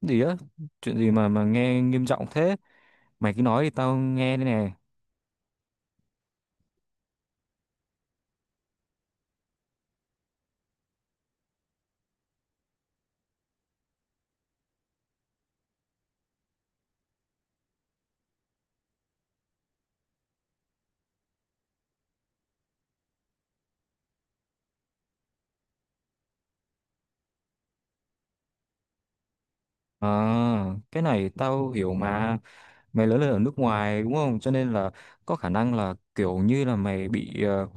Gì á chuyện gì mà nghe nghiêm trọng thế. Mày cứ nói thì tao nghe đây nè. À, cái này tao hiểu mà. Mày lớn lên ở nước ngoài đúng không, cho nên là có khả năng là kiểu như là mày bị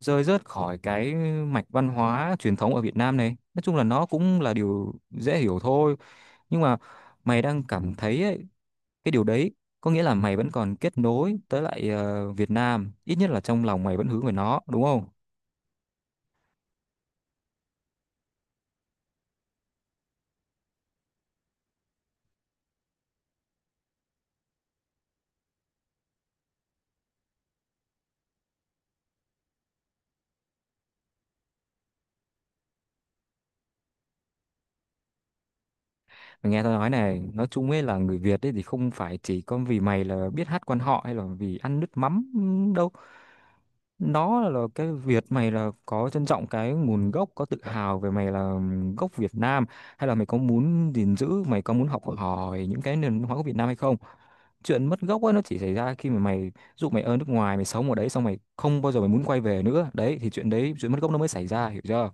rơi rớt khỏi cái mạch văn hóa truyền thống ở Việt Nam. Này nói chung là nó cũng là điều dễ hiểu thôi, nhưng mà mày đang cảm thấy ấy, cái điều đấy có nghĩa là mày vẫn còn kết nối tới lại Việt Nam, ít nhất là trong lòng mày vẫn hướng về nó đúng không. Mày nghe tao nói này, nói chung ấy là người Việt ấy thì không phải chỉ có vì mày là biết hát quan họ hay là vì ăn nước mắm đâu. Nó là cái Việt, mày là có trân trọng cái nguồn gốc, có tự hào về mày là gốc Việt Nam, hay là mày có muốn gìn giữ, mày có muốn học hỏi những cái nền văn hóa của Việt Nam hay không? Chuyện mất gốc ấy nó chỉ xảy ra khi mà mày dụ mày ở nước ngoài, mày sống ở đấy xong mày không bao giờ mày muốn quay về nữa. Đấy thì chuyện đấy, chuyện mất gốc nó mới xảy ra, hiểu chưa?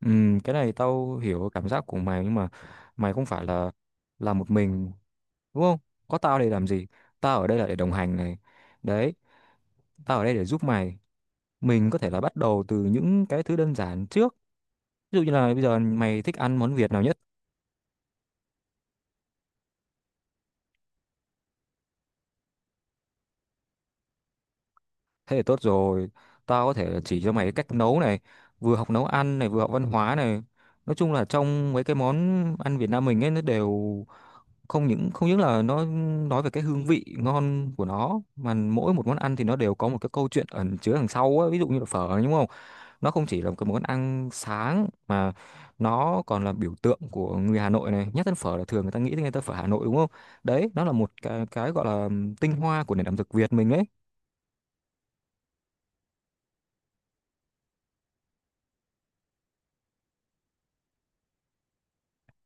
Ừ, cái này tao hiểu cảm giác của mày, nhưng mà mày không phải là một mình đúng không? Có tao để làm gì? Tao ở đây là để đồng hành này. Đấy, tao ở đây để giúp mày. Mình có thể là bắt đầu từ những cái thứ đơn giản trước. Ví dụ như là bây giờ mày thích ăn món Việt nào nhất? Thế thì tốt rồi. Tao có thể là chỉ cho mày cái cách nấu này, vừa học nấu ăn này, vừa học văn hóa này. Nói chung là trong mấy cái món ăn Việt Nam mình ấy, nó đều không những là nó nói về cái hương vị ngon của nó, mà mỗi một món ăn thì nó đều có một cái câu chuyện ẩn chứa đằng sau á. Ví dụ như là phở đúng không, nó không chỉ là một cái món ăn sáng, mà nó còn là biểu tượng của người Hà Nội. Này nhất đến phở là thường người ta nghĩ đến, người ta phở Hà Nội đúng không. Đấy, nó là một cái gọi là tinh hoa của nền ẩm thực Việt mình đấy.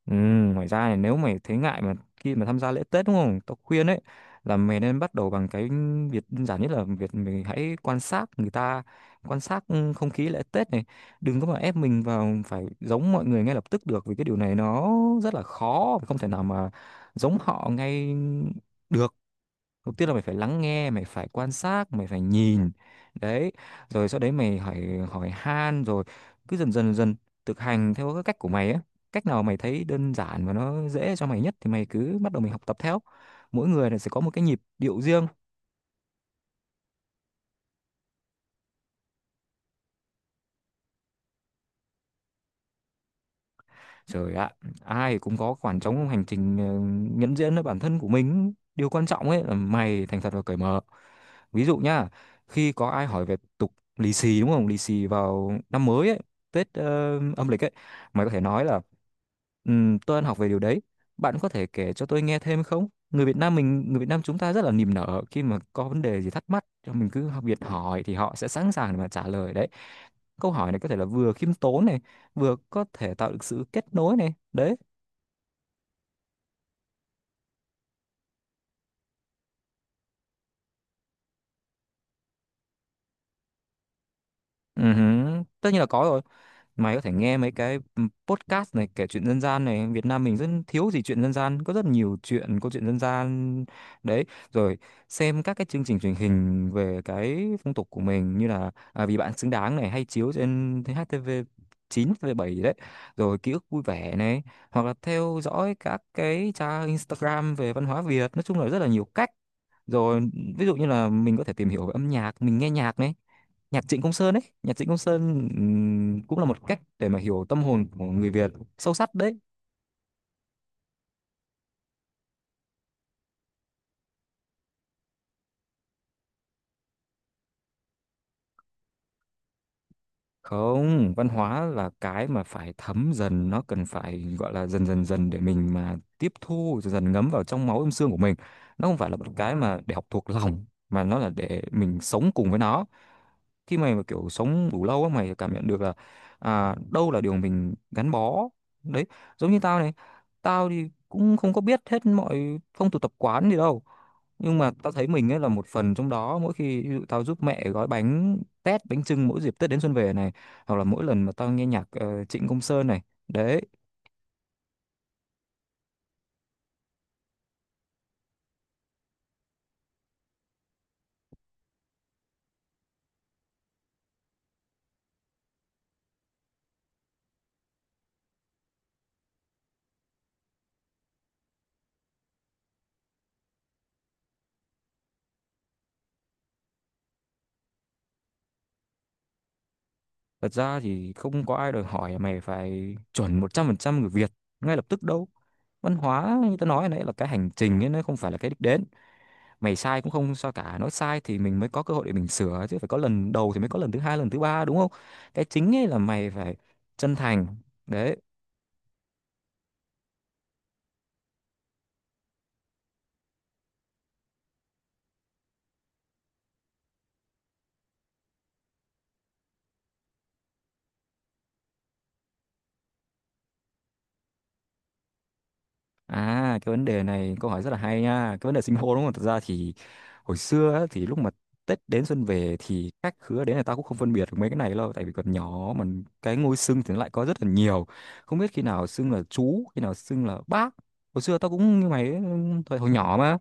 Ừ, ngoài ra này, nếu mày thấy ngại mà khi mà tham gia lễ Tết đúng không? Tao khuyên ấy là mày nên bắt đầu bằng cái việc đơn giản nhất là việc mình hãy quan sát người ta, quan sát không khí lễ Tết này. Đừng có mà ép mình vào phải giống mọi người ngay lập tức được, vì cái điều này nó rất là khó, không thể nào mà giống họ ngay được. Đầu tiên là mày phải lắng nghe, mày phải quan sát, mày phải nhìn, đấy, rồi sau đấy mày hỏi, hỏi han, rồi cứ dần dần dần thực hành theo cái cách của mày á. Cách nào mày thấy đơn giản và nó dễ cho mày nhất thì mày cứ bắt đầu mình học tập theo. Mỗi người là sẽ có một cái nhịp điệu riêng. Trời ạ, ai cũng có khoảng trống hành trình nhận diện với bản thân của mình. Điều quan trọng ấy là mày thành thật và cởi mở. Ví dụ nhá, khi có ai hỏi về tục lì xì đúng không? Lì xì vào năm mới ấy, Tết âm lịch ấy, mày có thể nói là tôi ăn học về điều đấy. Bạn có thể kể cho tôi nghe thêm không?" Người Việt Nam mình, người Việt Nam chúng ta rất là niềm nở, khi mà có vấn đề gì thắc mắc, cho mình cứ học Việt hỏi thì họ sẽ sẵn sàng để mà trả lời đấy. Câu hỏi này có thể là vừa khiêm tốn này, vừa có thể tạo được sự kết nối này. Đấy. Ừ hứ, tất nhiên là có rồi. Mày có thể nghe mấy cái podcast này, kể chuyện dân gian này, Việt Nam mình rất thiếu gì chuyện dân gian, có rất nhiều chuyện, câu chuyện dân gian đấy. Rồi xem các cái chương trình truyền hình về cái phong tục của mình, như là à, Vì Bạn Xứng Đáng này hay chiếu trên HTV 9, HTV 7 gì đấy, rồi Ký Ức Vui Vẻ này, hoặc là theo dõi các cái trang Instagram về văn hóa Việt. Nói chung là rất là nhiều cách. Rồi ví dụ như là mình có thể tìm hiểu về âm nhạc, mình nghe nhạc này. Nhạc Trịnh Công Sơn ấy, nhạc Trịnh Công Sơn cũng là một cách để mà hiểu tâm hồn của người Việt sâu sắc đấy. Không, văn hóa là cái mà phải thấm dần, nó cần phải gọi là dần dần dần để mình mà tiếp thu dần dần, ngấm vào trong máu âm xương của mình. Nó không phải là một cái mà để học thuộc lòng, mà nó là để mình sống cùng với nó. Khi mày mà kiểu sống đủ lâu á, mày cảm nhận được là à, đâu là điều mình gắn bó. Đấy, giống như tao này, tao thì cũng không có biết hết mọi phong tục tập quán gì đâu, nhưng mà tao thấy mình ấy là một phần trong đó, mỗi khi ví dụ tao giúp mẹ gói bánh tét, bánh chưng mỗi dịp Tết đến xuân về này, hoặc là mỗi lần mà tao nghe nhạc Trịnh Công Sơn này, đấy. Thật ra thì không có ai đòi hỏi mày phải chuẩn 100% người Việt ngay lập tức đâu. Văn hóa như tao nói nãy là cái hành trình ấy, nó không phải là cái đích đến. Mày sai cũng không sao cả, nói sai thì mình mới có cơ hội để mình sửa chứ, phải có lần đầu thì mới có lần thứ hai, lần thứ ba đúng không. Cái chính ấy là mày phải chân thành. Đấy. À, cái vấn đề này câu hỏi rất là hay nha. Cái vấn đề sinh hô đúng không? Thật ra thì hồi xưa á, thì lúc mà Tết đến xuân về thì khách khứa đến là tao cũng không phân biệt được mấy cái này đâu, tại vì còn nhỏ mà. Cái ngôi xưng thì nó lại có rất là nhiều. Không biết khi nào xưng là chú, khi nào xưng là bác. Hồi xưa tao cũng như mày ấy, thời hồi nhỏ mà.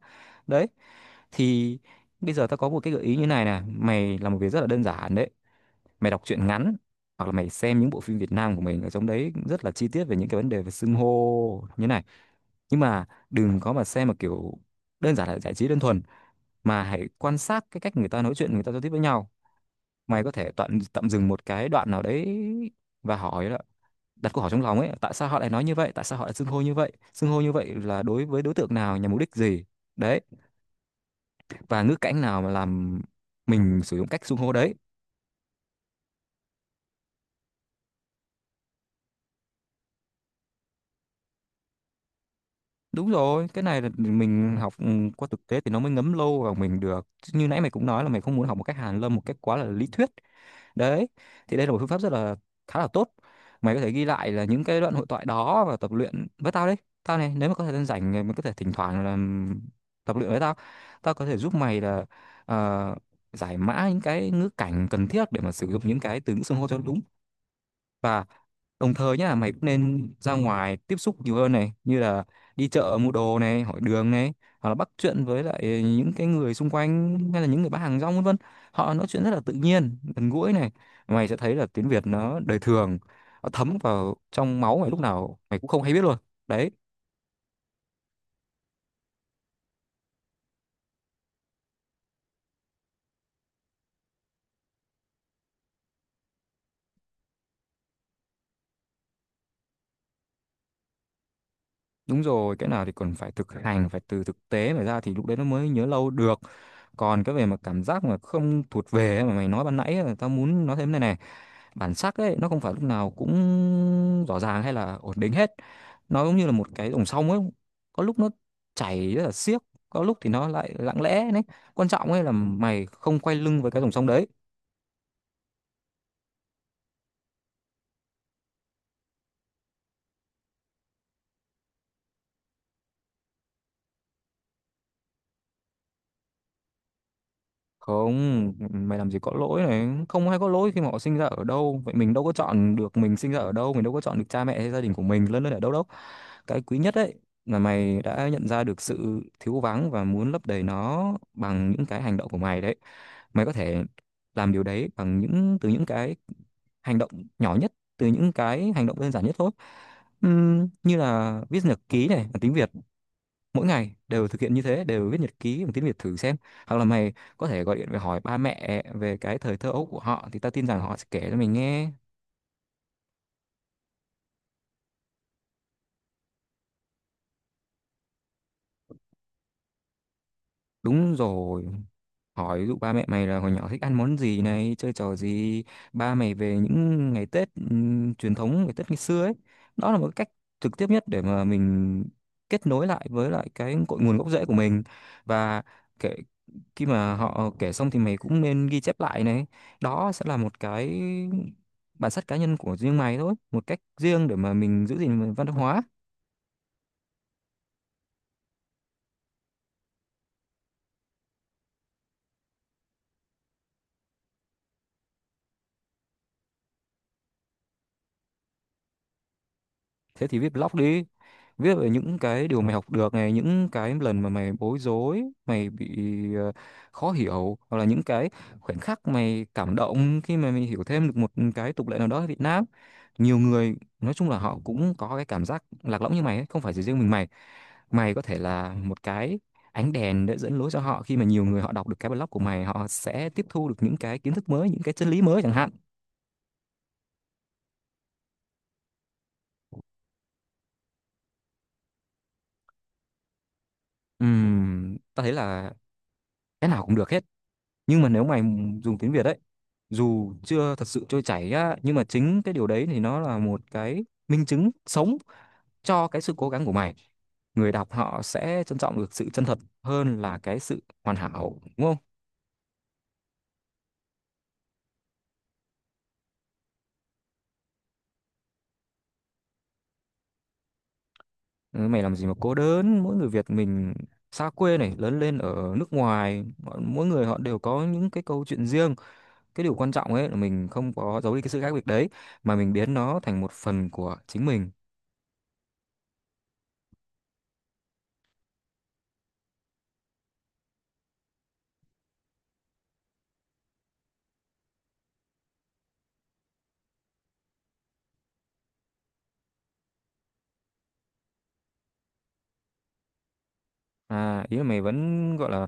Đấy. Thì bây giờ tao có một cái gợi ý như này nè, mày làm một việc rất là đơn giản đấy. Mày đọc truyện ngắn hoặc là mày xem những bộ phim Việt Nam của mình, ở trong đấy rất là chi tiết về những cái vấn đề về xưng hô như này. Nhưng mà đừng có mà xem mà kiểu đơn giản là giải trí đơn thuần, mà hãy quan sát cái cách người ta nói chuyện, người ta giao tiếp với nhau. Mày có thể tạm dừng một cái đoạn nào đấy và hỏi là, đặt câu hỏi trong lòng ấy, tại sao họ lại nói như vậy, tại sao họ lại xưng hô như vậy, xưng hô như vậy là đối với đối tượng nào, nhằm mục đích gì, đấy, và ngữ cảnh nào mà làm mình sử dụng cách xưng hô đấy. Đúng rồi, cái này là mình học qua thực tế thì nó mới ngấm lâu vào mình được. Chứ như nãy mày cũng nói là mày không muốn học một cách hàn lâm, một cách quá là lý thuyết. Đấy, thì đây là một phương pháp rất là, khá là tốt. Mày có thể ghi lại là những cái đoạn hội thoại đó và tập luyện với tao đấy. Tao này, nếu mà có thời gian rảnh mày có thể thỉnh thoảng là tập luyện với tao. Tao có thể giúp mày là ờ, giải mã những cái ngữ cảnh cần thiết để mà sử dụng những cái từ ngữ xưng hô cho đúng. Và đồng thời nhá, mày cũng nên ra ngoài tiếp xúc nhiều hơn này, như là đi chợ mua đồ này, hỏi đường này, hoặc là bắt chuyện với lại những cái người xung quanh, hay là những người bán hàng rong vân vân. Họ nói chuyện rất là tự nhiên, gần gũi này. Mày sẽ thấy là tiếng Việt nó đời thường, nó thấm vào trong máu mày lúc nào mày cũng không hay biết luôn. Đấy, đúng rồi, cái nào thì còn phải thực hành, phải từ thực tế mà ra thì lúc đấy nó mới nhớ lâu được. Còn cái về mà cảm giác mà không thuộc về ấy mà mày nói ban nãy, ấy, tao muốn nói thêm này này. Bản sắc ấy nó không phải lúc nào cũng rõ ràng hay là ổn định hết. Nó giống như là một cái dòng sông ấy, có lúc nó chảy rất là xiết, có lúc thì nó lại lặng lẽ đấy. Quan trọng ấy là mày không quay lưng với cái dòng sông đấy. Không, mày làm gì có lỗi này, không ai có lỗi khi mà họ sinh ra ở đâu. Vậy mình đâu có chọn được mình sinh ra ở đâu, mình đâu có chọn được cha mẹ hay gia đình của mình lớn lên ở đâu đâu. Cái quý nhất đấy là mày đã nhận ra được sự thiếu vắng và muốn lấp đầy nó bằng những cái hành động của mày đấy. Mày có thể làm điều đấy bằng những từ những cái hành động nhỏ nhất, từ những cái hành động đơn giản nhất thôi. Như là viết nhật ký này, bằng tiếng Việt, mỗi ngày đều thực hiện như thế, đều viết nhật ký bằng tiếng Việt thử xem. Hoặc là mày có thể gọi điện về hỏi ba mẹ về cái thời thơ ấu của họ, thì tao tin rằng họ sẽ kể cho mình nghe. Đúng rồi, hỏi ví dụ ba mẹ mày là hồi nhỏ thích ăn món gì này, chơi trò gì, ba mày về những ngày Tết, truyền thống ngày Tết ngày xưa ấy. Đó là một cái cách trực tiếp nhất để mà mình kết nối lại với lại cái cội nguồn gốc rễ của mình. Và kể, khi mà họ kể xong thì mày cũng nên ghi chép lại này. Đó sẽ là một cái bản sắc cá nhân của riêng mày thôi, một cách riêng để mà mình giữ gìn văn hóa. Thế thì viết blog đi, viết về những cái điều mày học được này, những cái lần mà mày bối rối, mày bị ờ, khó hiểu, hoặc là những cái khoảnh khắc mày cảm động khi mà mày hiểu thêm được một cái tục lệ nào đó ở Việt Nam. Nhiều người nói chung là họ cũng có cái cảm giác lạc lõng như mày ấy, không phải chỉ riêng mình mày. Mày có thể là một cái ánh đèn để dẫn lối cho họ, khi mà nhiều người họ đọc được cái blog của mày, họ sẽ tiếp thu được những cái kiến thức mới, những cái chân lý mới chẳng hạn. Tao thấy là cái nào cũng được hết, nhưng mà nếu mày dùng tiếng Việt ấy, dù chưa thật sự trôi chảy á, nhưng mà chính cái điều đấy thì nó là một cái minh chứng sống cho cái sự cố gắng của mày. Người đọc họ sẽ trân trọng được sự chân thật hơn là cái sự hoàn hảo, đúng không. Ừ, mày làm gì mà cố đớn, mỗi người Việt mình xa quê này, lớn lên ở nước ngoài, mỗi người họ đều có những cái câu chuyện riêng. Cái điều quan trọng ấy là mình không có giấu đi cái sự khác biệt đấy, mà mình biến nó thành một phần của chính mình. À, ý là mày vẫn gọi là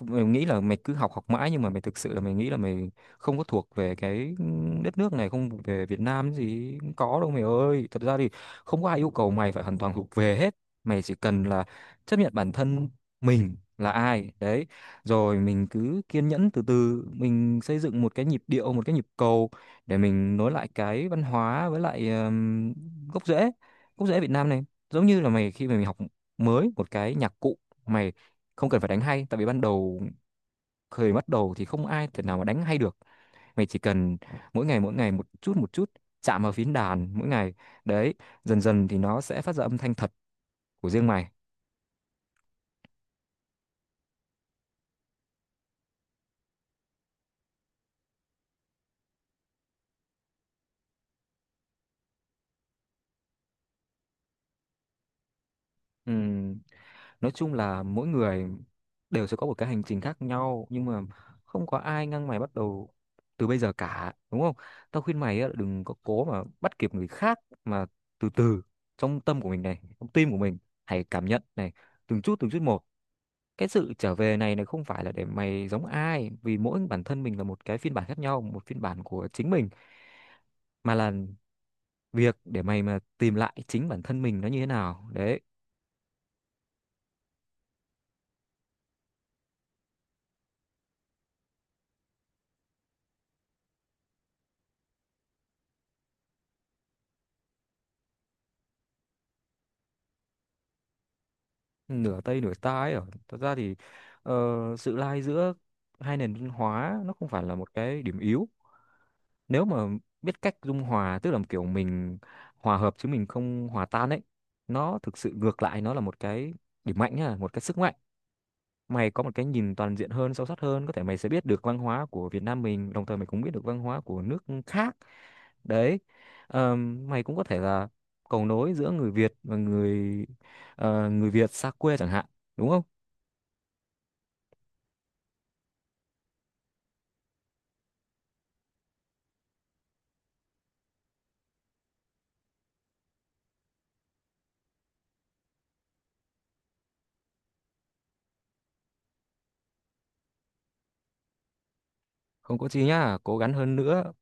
mày nghĩ là mày cứ học học mãi, nhưng mà mày thực sự là mày nghĩ là mày không có thuộc về cái đất nước này, không về Việt Nam gì cũng có đâu mày ơi. Thật ra thì không có ai yêu cầu mày phải hoàn toàn thuộc về hết, mày chỉ cần là chấp nhận bản thân mình là ai đấy, rồi mình cứ kiên nhẫn từ từ mình xây dựng một cái nhịp điệu, một cái nhịp cầu để mình nối lại cái văn hóa với lại gốc rễ, gốc rễ Việt Nam này. Giống như là mày, khi mà mày học mới một cái nhạc cụ, mày không cần phải đánh hay, tại vì ban đầu bắt đầu thì không ai thể nào mà đánh hay được. Mày chỉ cần mỗi ngày một chút một chút, chạm vào phím đàn mỗi ngày đấy, dần dần thì nó sẽ phát ra âm thanh thật của riêng mày. Ừm, nói chung là mỗi người đều sẽ có một cái hành trình khác nhau, nhưng mà không có ai ngăn mày bắt đầu từ bây giờ cả, đúng không. Tao khuyên mày á, đừng có cố mà bắt kịp người khác, mà từ từ, trong tâm của mình này, trong tim của mình, hãy cảm nhận này, từng chút một. Cái sự trở về này này không phải là để mày giống ai, vì mỗi bản thân mình là một cái phiên bản khác nhau, một phiên bản của chính mình, mà là việc để mày mà tìm lại chính bản thân mình nó như thế nào đấy. Nửa Tây nửa Ta ấy, ở thật ra thì ờ, sự lai giữa hai nền văn hóa nó không phải là một cái điểm yếu. Nếu mà biết cách dung hòa, tức là kiểu mình hòa hợp chứ mình không hòa tan ấy, nó thực sự ngược lại, nó là một cái điểm mạnh nhá, một cái sức mạnh. Mày có một cái nhìn toàn diện hơn, sâu sắc hơn, có thể mày sẽ biết được văn hóa của Việt Nam mình, đồng thời mày cũng biết được văn hóa của nước khác đấy. Mày cũng có thể là cầu nối giữa người Việt và người, người Việt xa quê chẳng hạn, đúng không. Không có chi nhá, cố gắng hơn nữa.